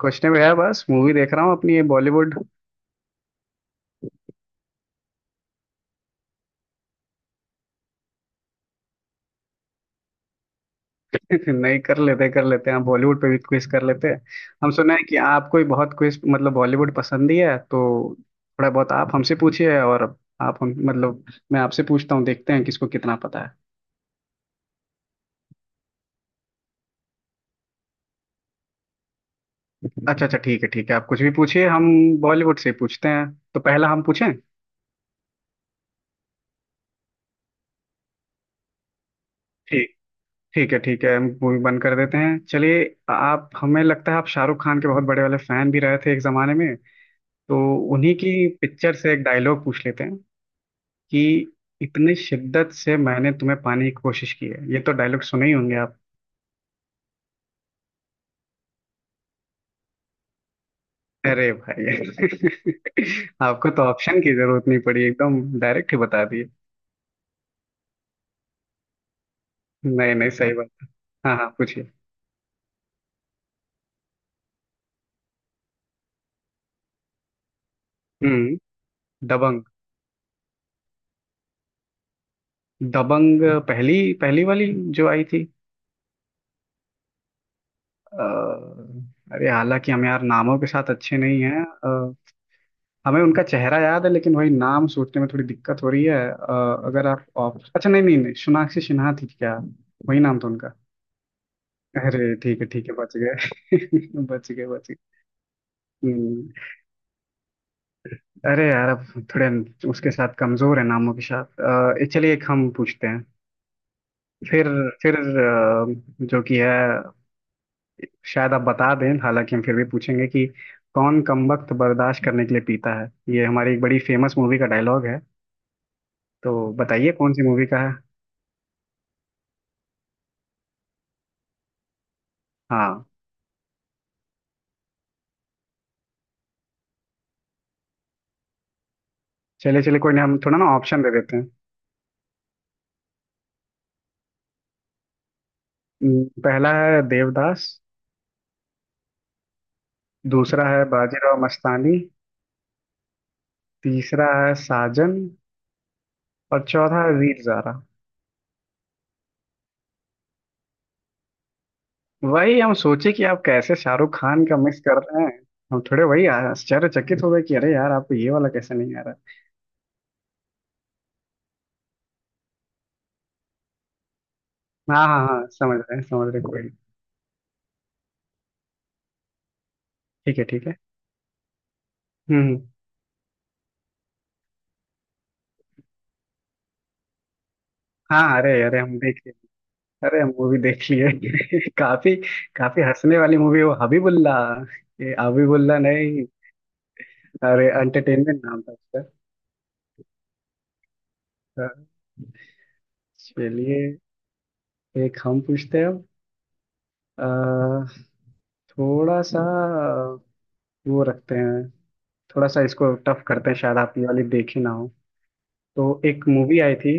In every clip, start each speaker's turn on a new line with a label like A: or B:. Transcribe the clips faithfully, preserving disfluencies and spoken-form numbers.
A: कुछ नहीं भैया बस मूवी देख रहा हूँ अपनी ये बॉलीवुड। नहीं कर लेते कर लेते हैं हम बॉलीवुड पे भी क्विज कर लेते हैं। हम सुना है कि आपको ही बहुत क्विज मतलब बॉलीवुड पसंद ही है तो थोड़ा बहुत आप हमसे पूछिए, और आप हम मतलब मैं आपसे पूछता हूँ, देखते हैं किसको कितना पता है। अच्छा अच्छा, ठीक है ठीक है, आप कुछ भी पूछिए, हम बॉलीवुड से पूछते हैं। तो पहला हम पूछें। ठीक, ठीक है ठीक है, हम मूवी बंद कर देते हैं चलिए। आप, हमें लगता है आप शाहरुख खान के बहुत बड़े वाले फैन भी रहे थे एक जमाने में, तो उन्हीं की पिक्चर से एक डायलॉग पूछ लेते हैं कि इतने शिद्दत से मैंने तुम्हें पाने की कोशिश की है, ये तो डायलॉग सुने ही होंगे आप। अरे भाई आपको तो ऑप्शन की जरूरत नहीं पड़ी, एकदम डायरेक्ट ही बता दिए। नहीं नहीं, सही बात। हाँ हाँ पूछिए। हम्म। दबंग। दबंग, पहली पहली वाली जो आई थी। अ, अरे हालांकि हम यार नामों के साथ अच्छे नहीं हैं। अ, हमें उनका चेहरा याद है लेकिन वही नाम सोचने में थोड़ी दिक्कत हो रही है। अ, अगर आप ऑप्शन, अच्छा नहीं नहीं नहीं, सोनाक्षी सिन्हा थी क्या? वही नाम था उनका। अरे ठीक है ठीक है, बच गए बच गए बच गए। हम्म, अरे यार अब थोड़े उसके साथ कमजोर है नामों के साथ। अ, ये चलिए एक हम पूछते हैं। फिर फिर अ, जो कि है, शायद आप बता दें हालांकि हम फिर भी पूछेंगे कि कौन कमबख्त बर्दाश्त करने के लिए पीता है, ये हमारी एक बड़ी फेमस मूवी का डायलॉग है। तो बताइए कौन सी मूवी का है। हाँ। चलिए चलिए, कोई नहीं, हम थोड़ा ना ऑप्शन दे देते हैं। हम्म, पहला है देवदास, दूसरा है बाजीराव मस्तानी, तीसरा है साजन, और चौथा है वीर ज़ारा। वही हम सोचे कि आप कैसे शाहरुख खान का मिस कर रहे हैं। हम थोड़े वही आश्चर्यचकित हो गए कि अरे यार आपको ये वाला कैसे नहीं आ रहा। हाँ हाँ हाँ, समझ रहे हैं समझ रहे हैं, कोई नहीं। ठीक है ठीक है। हम्म हम्म। हाँ अरे अरे, हम देख लिए, अरे हम मूवी देख लिए काफी काफी हंसने वाली मूवी वो हबीबुल्ला, ये हबीबुल्ला नहीं, अरे एंटरटेनमेंट नाम था उसका। हाँ, चलिए एक हम पूछते हैं अब। अ, थोड़ा सा वो रखते हैं, थोड़ा सा इसको टफ करते हैं, शायद आप ये वाली देखी ना हो। तो एक मूवी आई थी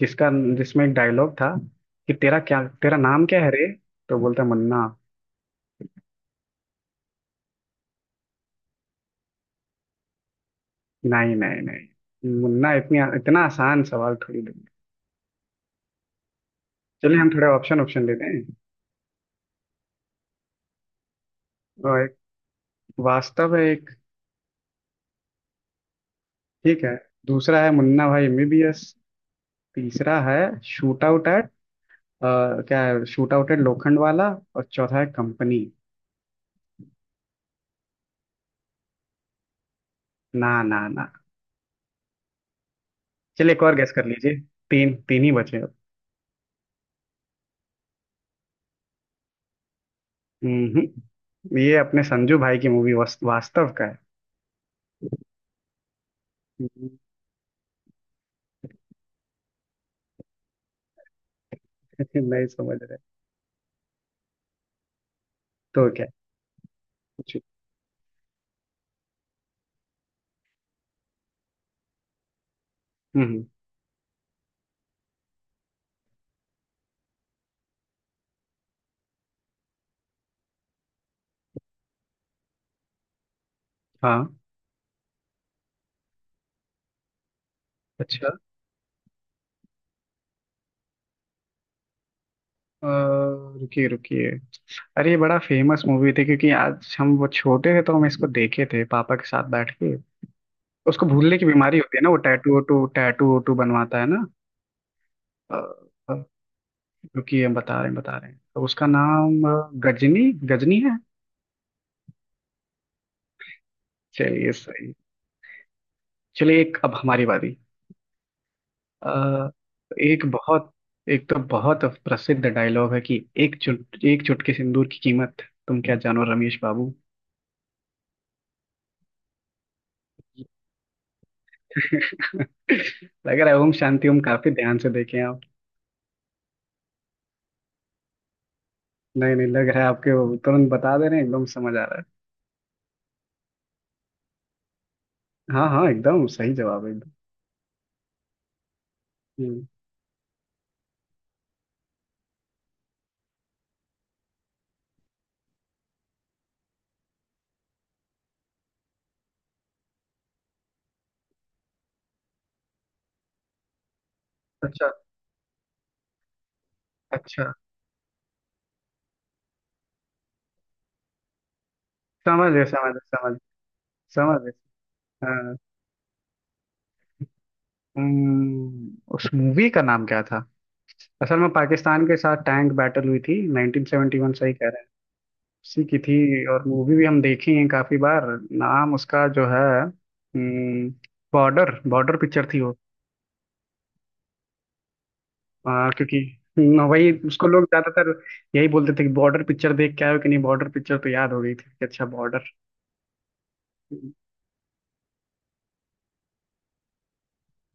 A: जिसका, जिसमें एक डायलॉग था कि तेरा क्या, तेरा नाम क्या है रे? तो बोलता है, मुन्ना। नहीं नहीं नहीं, मुन्ना इतनी इतना आसान सवाल थोड़ी दूंगा। चलिए हम थोड़े ऑप्शन ऑप्शन देते हैं। और एक वास्तव है, एक ठीक है, दूसरा है मुन्ना भाई एमबीबीएस, तीसरा है शूट आउट एट, क्या है, shootout at Lokhandwala, और चौथा है कंपनी। ना ना ना। चलिए एक और गेस कर लीजिए, तीन तीन ही बचे अब। हम्म हम्म। ये अपने संजू भाई की मूवी वास्तव का है। हम्म, नहीं समझ रहे। तो क्या? जी। हम्म। हाँ। अच्छा। अ, रुकिए रुकिए, अरे ये बड़ा फेमस मूवी थी क्योंकि आज हम वो छोटे थे तो हम इसको देखे थे पापा के साथ बैठ के। उसको भूलने की बीमारी होती है ना, वो टैटू वोटू टैटू वोटू बनवाता है ना। अ, अ, रुकिए, हम बता रहे हैं बता रहे हैं, तो उसका नाम अ, गजनी, गजनी है। चलिए सही, चलिए एक अब हमारी बारी। अ, एक बहुत, एक तो बहुत प्रसिद्ध डायलॉग है कि, एक चुट, एक चुटकी सिंदूर की कीमत तुम क्या जानो रमेश बाबू। लग रहा है ओम शांति ओम काफी ध्यान से देखे आप। नहीं नहीं, लग रहा है आपके वो तुरंत बता दे रहे हैं, एकदम समझ आ रहा है। हाँ हाँ, एकदम सही जवाब है एकदम। हम्म, अच्छा अच्छा, समझ गए समझ गए समझ, समझ गए। हाँ। हम्म, उस मूवी का नाम क्या था, असल में पाकिस्तान के साथ टैंक बैटल हुई थी नाइन्टीन सेवन्टी वन सही कह, उसी की थी, और मूवी भी हम देखी है काफी बार। नाम उसका जो है, हम्म, बॉर्डर, बॉर्डर पिक्चर थी वो। आ, क्योंकि न, वही उसको लोग ज्यादातर यही बोलते थे कि बॉर्डर पिक्चर देख के आए हो कि नहीं, बॉर्डर पिक्चर तो याद हो गई थी कि अच्छा बॉर्डर।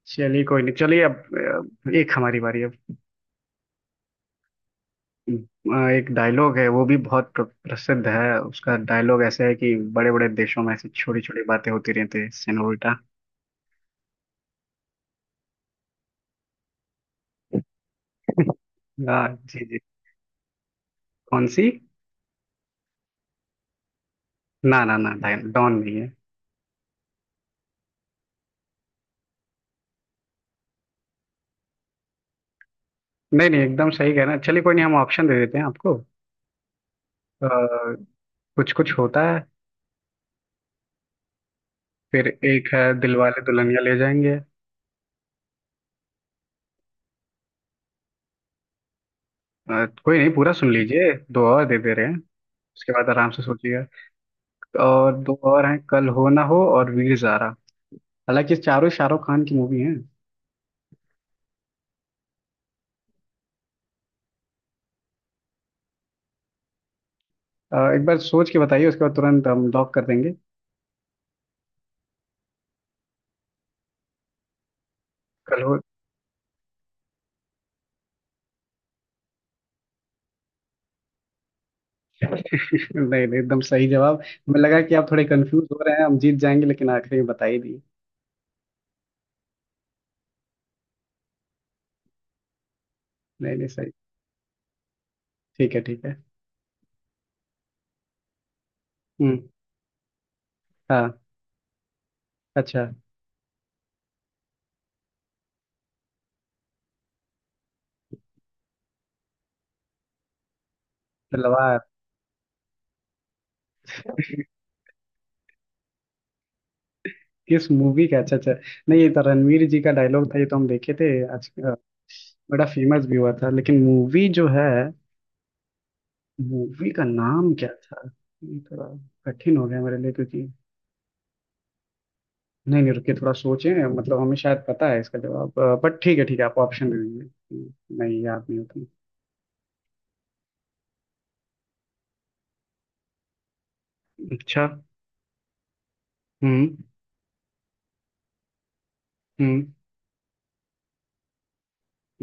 A: चलिए कोई नहीं, चलिए अब अ, एक हमारी बारी अब। अ, एक डायलॉग है वो भी बहुत प्र- प्रसिद्ध है, उसका डायलॉग ऐसा है कि बड़े बड़े देशों में ऐसी छोटी छोटी बातें होती रहती है सेनोरिटा। जी जी। कौन सी? ना ना ना, डॉन नहीं है। नहीं नहीं, एकदम सही कह रहे हैं, चलिए कोई नहीं हम ऑप्शन दे देते हैं आपको। कुछ कुछ होता है, फिर एक है दिलवाले दुल्हनिया ले जाएंगे। अ, कोई नहीं, पूरा सुन लीजिए, दो और दे दे रहे हैं, उसके बाद आराम से सोचिएगा। और दो और हैं, कल हो ना हो, और वीर ज़ारा, हालांकि चारों शाहरुख खान की मूवी हैं। अ, एक बार सोच के बताइए, उसके बाद तुरंत हम लॉक कर देंगे। कल हो। नहीं नहीं, एकदम सही जवाब। हमें लगा कि आप थोड़े कंफ्यूज हो रहे हैं, हम जीत जाएंगे, लेकिन आखिरी में बता ही दिए। नहीं नहीं सही, ठीक है ठीक है। हम्म। हाँ। अच्छा। तलवार। किस मूवी का? अच्छा अच्छा, नहीं ये तो रणवीर जी का डायलॉग था, ये तो हम देखे थे। आज अ, बड़ा फेमस भी हुआ था, लेकिन मूवी जो है, मूवी का नाम क्या था, ये थोड़ा कठिन हो गया मेरे लिए क्योंकि, नहीं नहीं रुकिए थोड़ा सोचें, मतलब हमें शायद पता है इसका जवाब, बट ठीक है ठीक है, आप ऑप्शन दे दीजिए, नहीं याद नहीं होता। अच्छा। हम्म। हम्म।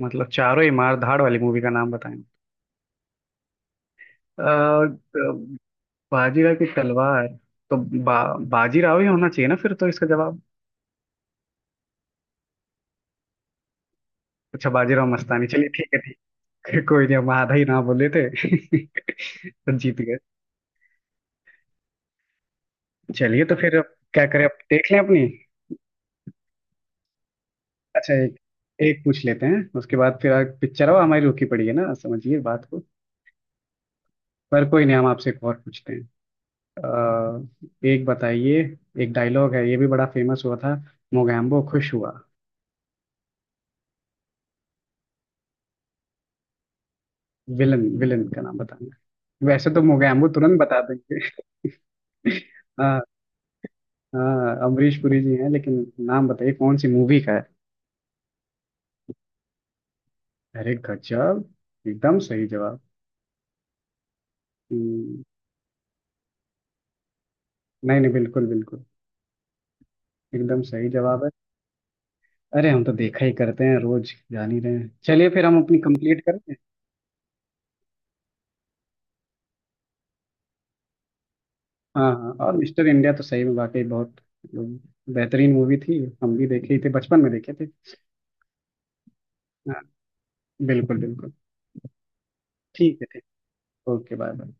A: मतलब चारों ही मार धाड़ वाली मूवी का नाम बताएं? अ, अ, बाजीराव की तलवार, तो बा, बाजीराव ही होना चाहिए ना फिर तो इसका जवाब। अच्छा, बाजीराव मस्तानी, चलिए ठीक है ठीक है। कोई नहीं, हम आधा ही ना बोले थे तो जीत गए। चलिए, तो फिर अब क्या करें, अब देख लें अपनी। अच्छा, एक एक पूछ लेते हैं, उसके बाद फिर आगे पिक्चर अब हमारी रुकी पड़ी है ना, समझिए बात को। पर कोई नहीं, हम आपसे एक और पूछते हैं। अ, एक बताइए, एक डायलॉग है, ये भी बड़ा फेमस हुआ था, मोगैम्बो खुश हुआ। विलन, विलन का नाम बताना है। वैसे तो मोगैम्बो तुरंत बता देंगे। हाँ, हाँ अमरीश पुरी जी हैं, लेकिन नाम बताइए कौन सी मूवी का है। अरे गजब, एकदम सही जवाब। हम्म, नहीं नहीं, बिल्कुल बिल्कुल एकदम सही जवाब है। अरे हम तो देखा ही करते हैं, रोज जान ही रहे हैं, चलिए फिर हम अपनी कंप्लीट करते हैं। हाँ हाँ, और मिस्टर इंडिया तो सही में वाकई बहुत, मतलब, बेहतरीन मूवी थी, हम भी देखे ही थे, बचपन में देखे थे। हाँ बिल्कुल बिल्कुल, ठीक है ठीक, ओके बाय बाय।